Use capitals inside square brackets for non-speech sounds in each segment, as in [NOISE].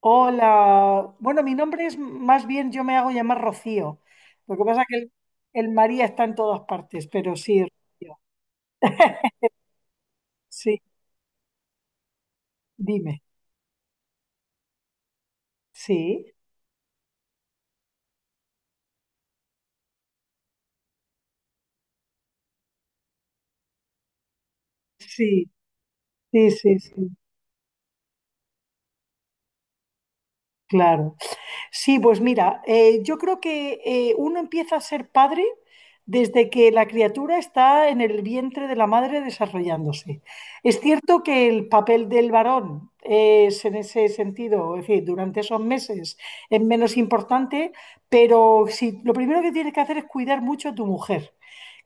Hola, bueno, mi nombre es más bien, yo me hago llamar Rocío. Lo que pasa es que el María está en todas partes, pero sí, Rocío. [LAUGHS] Sí, dime. Sí, sí, sí, sí, sí, claro. Sí, pues mira, yo creo que uno empieza a ser padre desde que la criatura está en el vientre de la madre desarrollándose. Es cierto que el papel del varón es en ese sentido, es decir, durante esos meses es menos importante, pero si, lo primero que tienes que hacer es cuidar mucho a tu mujer,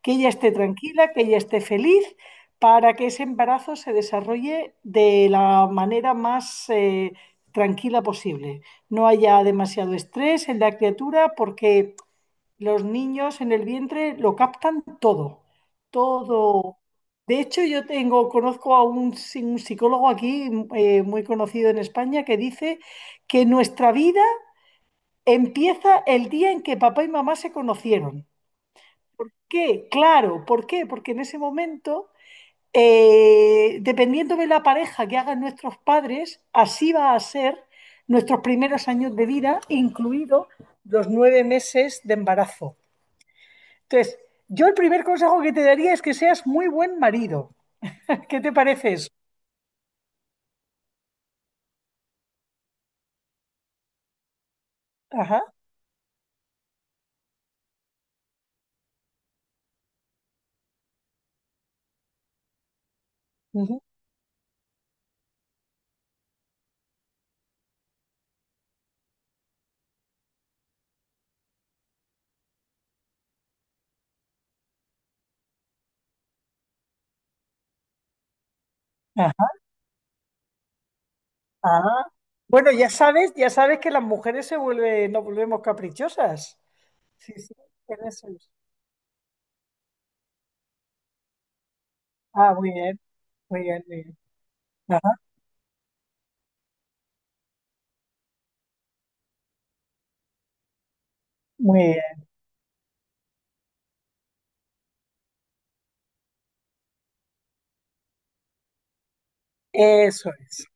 que ella esté tranquila, que ella esté feliz, para que ese embarazo se desarrolle de la manera más tranquila posible, no haya demasiado estrés en la criatura porque los niños en el vientre lo captan todo, todo. De hecho, yo tengo, conozco a un psicólogo aquí muy conocido en España que dice que nuestra vida empieza el día en que papá y mamá se conocieron. ¿Qué? Claro, ¿por qué? Porque en ese momento dependiendo de la pareja que hagan nuestros padres, así va a ser nuestros primeros años de vida, incluidos los 9 meses de embarazo. Entonces, yo el primer consejo que te daría es que seas muy buen marido. [LAUGHS] ¿Qué te parece eso? Ajá, ujú, ajá, ajá. Bueno, ya sabes que las mujeres se vuelven, nos volvemos caprichosas. Sí, sí, en eso es. Ah, muy bien, muy bien, muy bien. Ajá, muy bien. Eso es.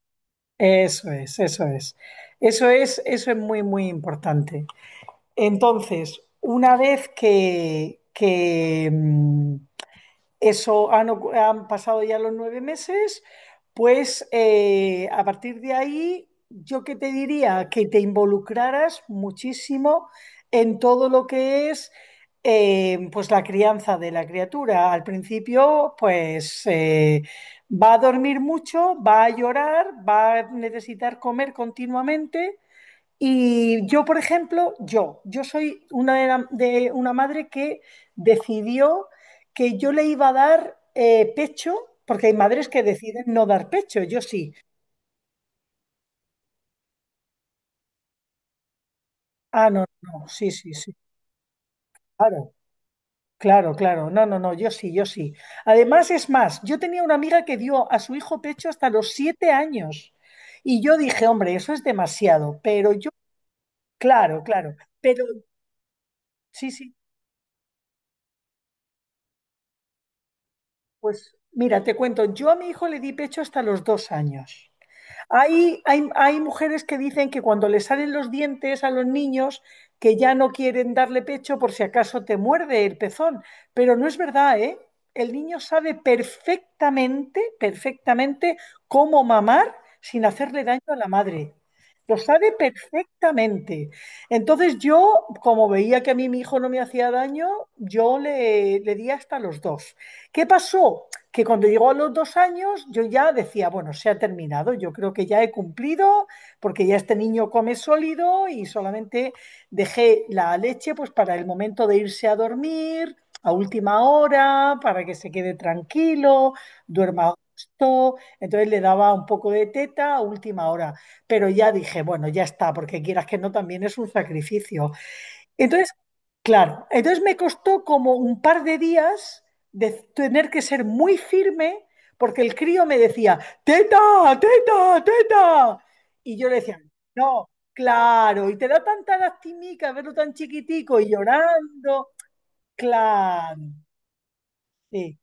Eso es, eso es. Eso es, eso es muy, muy importante. Entonces, una vez que han pasado ya los 9 meses, pues a partir de ahí, yo que te diría que te involucraras muchísimo en todo lo que es pues la crianza de la criatura. Al principio, pues va a dormir mucho, va a llorar, va a necesitar comer continuamente y yo, por ejemplo, yo soy una de una madre que decidió que yo le iba a dar pecho, porque hay madres que deciden no dar pecho, yo sí. Ah, no, no, sí, sí, sí, claro, claro, claro, no, no, no, yo sí, yo sí. Además, es más, yo tenía una amiga que dio a su hijo pecho hasta los 7 años y yo dije, hombre, eso es demasiado, pero yo, claro, claro, pero sí, sí, pues mira, te cuento, yo a mi hijo le di pecho hasta los 2 años. Hay mujeres que dicen que cuando le salen los dientes a los niños, que ya no quieren darle pecho por si acaso te muerde el pezón. Pero no es verdad, ¿eh? El niño sabe perfectamente, perfectamente cómo mamar sin hacerle daño a la madre. Lo sabe perfectamente. Entonces yo, como veía que a mí mi hijo no me hacía daño, yo le di hasta los dos. ¿Qué pasó? Que cuando llegó a los 2 años yo ya decía, bueno, se ha terminado, yo creo que ya he cumplido, porque ya este niño come sólido y solamente dejé la leche pues para el momento de irse a dormir, a última hora, para que se quede tranquilo, duerma a gusto, entonces le daba un poco de teta a última hora, pero ya dije, bueno, ya está, porque quieras que no, también es un sacrificio. Entonces, claro, entonces me costó como un par de días de tener que ser muy firme porque el crío me decía, teta, teta, teta. Y yo le decía, no, claro, y te da tanta lastimica verlo tan chiquitico y llorando. Claro, sí.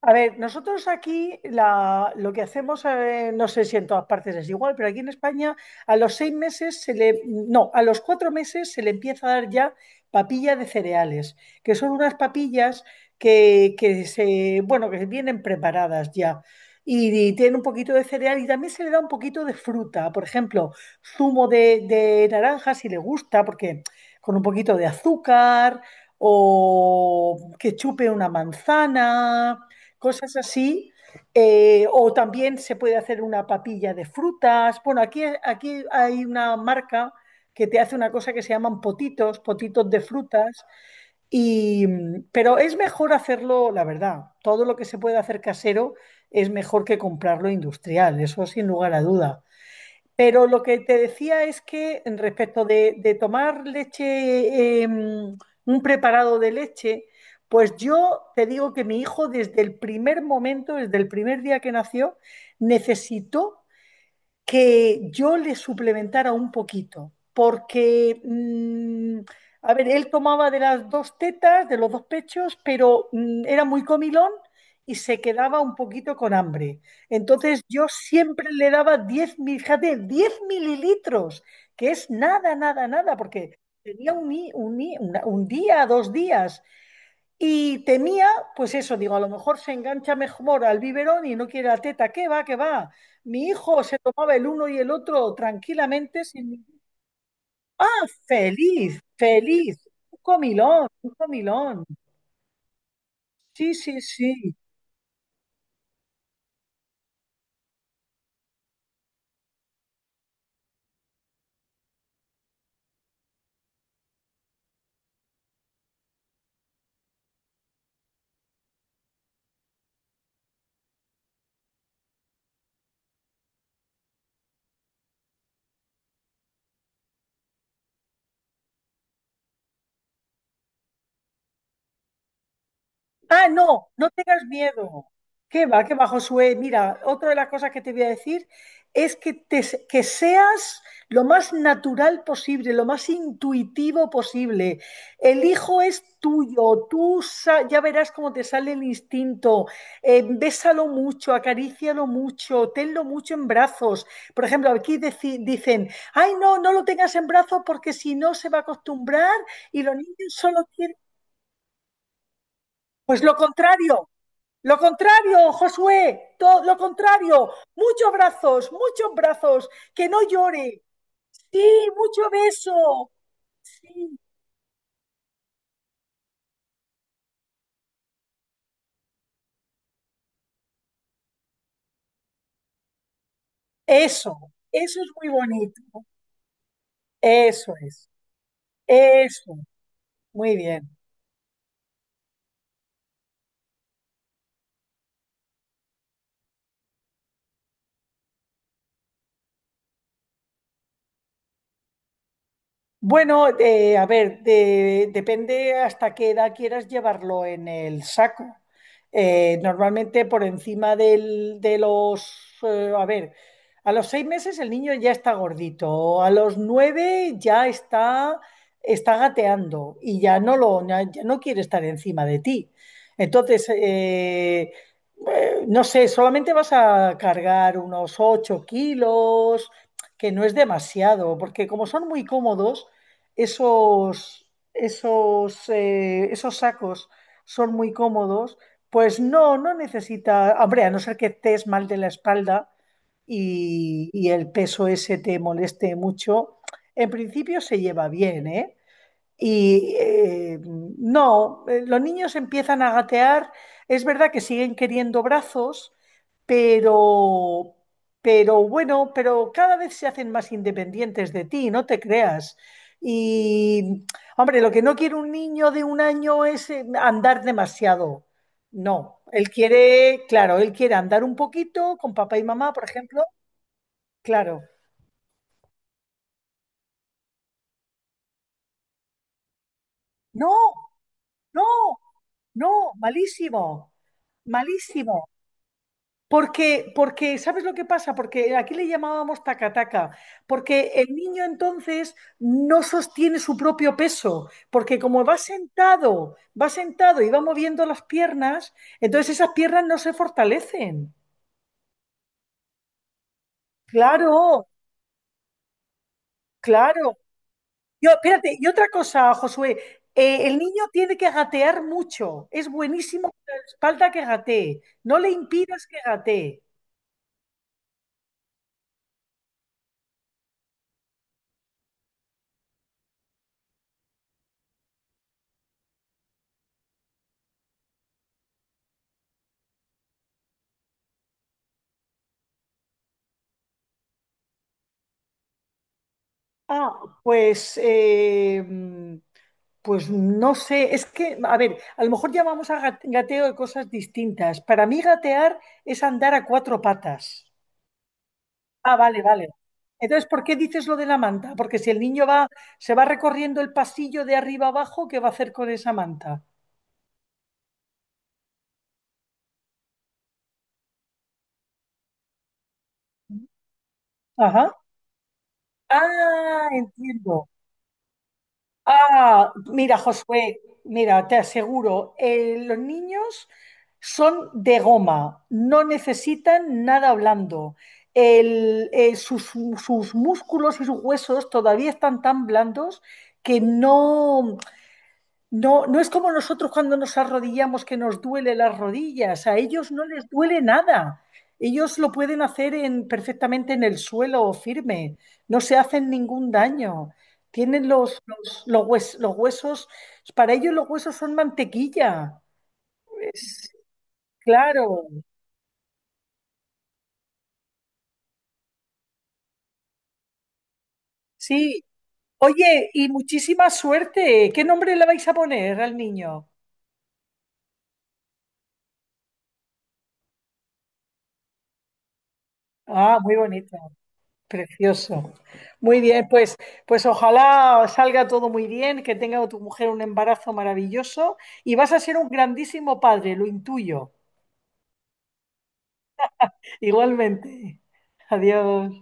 A ver, nosotros aquí lo que hacemos, no sé si en todas partes es igual, pero aquí en España a los 6 meses se le, no, a los 4 meses se le empieza a dar ya papilla de cereales, que son unas papillas que se, bueno, que vienen preparadas ya. Y, tienen un poquito de cereal y también se le da un poquito de fruta, por ejemplo, zumo de naranja si le gusta, porque con un poquito de azúcar o que chupe una manzana cosas así. O también se puede hacer una papilla de frutas. Bueno, aquí hay una marca que te hace una cosa que se llaman potitos, potitos de frutas, y, pero es mejor hacerlo, la verdad, todo lo que se puede hacer casero es mejor que comprarlo industrial, eso sin lugar a duda. Pero lo que te decía es que respecto de tomar leche, un preparado de leche, pues yo te digo que mi hijo desde el primer momento, desde el primer día que nació, necesitó que yo le suplementara un poquito, porque, a ver, él tomaba de las dos tetas, de los dos pechos, pero era muy comilón y se quedaba un poquito con hambre. Entonces yo siempre le daba fíjate, 10 mililitros, que es nada, nada, nada, porque tenía un día, dos días. Y temía, pues eso, digo, a lo mejor se engancha mejor al biberón y no quiere la teta, ¿qué va, qué va? Mi hijo se tomaba el uno y el otro tranquilamente, sin. Feliz, feliz, un comilón, un comilón. Sí, sí, sí. Ah, no, no tengas miedo. Qué va, Josué. Mira, otra de las cosas que te voy a decir es que seas lo más natural posible, lo más intuitivo posible. El hijo es tuyo, ya verás cómo te sale el instinto. Bésalo mucho, acarícialo mucho, tenlo mucho en brazos. Por ejemplo, aquí dicen, ay, no, no lo tengas en brazos porque si no se va a acostumbrar y los niños solo quieren. Pues lo contrario. Lo contrario, Josué, todo lo contrario. Muchos brazos, que no llore. Sí, mucho beso. Sí, eso, eso es muy bonito. Eso es, eso. Muy bien. Bueno, a ver, depende hasta qué edad quieras llevarlo en el saco. Normalmente por encima de los, a ver, a los 6 meses el niño ya está gordito, a los nueve ya está, gateando y ya no lo, ya no quiere estar encima de ti. Entonces, no sé, solamente vas a cargar unos 8 kilos, que no es demasiado, porque como son muy cómodos, esos, esos sacos son muy cómodos, pues no, no necesita, hombre, a no ser que estés mal de la espalda y el peso ese te moleste mucho, en principio se lleva bien, ¿eh? Y no, los niños empiezan a gatear. Es verdad que siguen queriendo brazos, pero, pero bueno, pero cada vez se hacen más independientes de ti, no te creas. Y, hombre, lo que no quiere un niño de 1 año es andar demasiado. No, él quiere, claro, él quiere andar un poquito con papá y mamá, por ejemplo. Claro. No, no, no, malísimo, malísimo. Porque, ¿sabes lo que pasa? Porque aquí le llamábamos tacataca, porque el niño entonces no sostiene su propio peso, porque como va sentado y va moviendo las piernas, entonces esas piernas no se fortalecen. Claro, claro. Yo, espérate, y otra cosa, Josué, el niño tiene que gatear mucho, es buenísimo para la espalda que gatee, no le impidas que gatee. Ah, pues... eh, mm, Pues no sé, es que, a ver, a lo mejor llamamos a gateo de cosas distintas. Para mí gatear es andar a cuatro patas. Ah, vale, vale. Entonces, ¿por qué dices lo de la manta? Porque si el niño va, se va recorriendo el pasillo de arriba abajo, ¿qué va a hacer con esa manta? Ajá. Ah, entiendo. Ah, mira, Josué, mira, te aseguro, los niños son de goma, no necesitan nada blando. El- eh, sus, sus músculos y sus huesos todavía están tan blandos que no. No, no es como nosotros cuando nos arrodillamos que nos duele las rodillas, a ellos no les duele nada. Ellos lo pueden hacer en, perfectamente en el suelo firme, no se hacen ningún daño. Tienen los huesos, para ellos los huesos son mantequilla. Es- claro, sí. Oye, y muchísima suerte. ¿Qué nombre le vais a poner al niño? Ah, muy bonito. Precioso. Muy bien, pues, ojalá salga todo muy bien, que tenga tu mujer un embarazo maravilloso y vas a ser un grandísimo padre, lo intuyo. Igualmente. Adiós.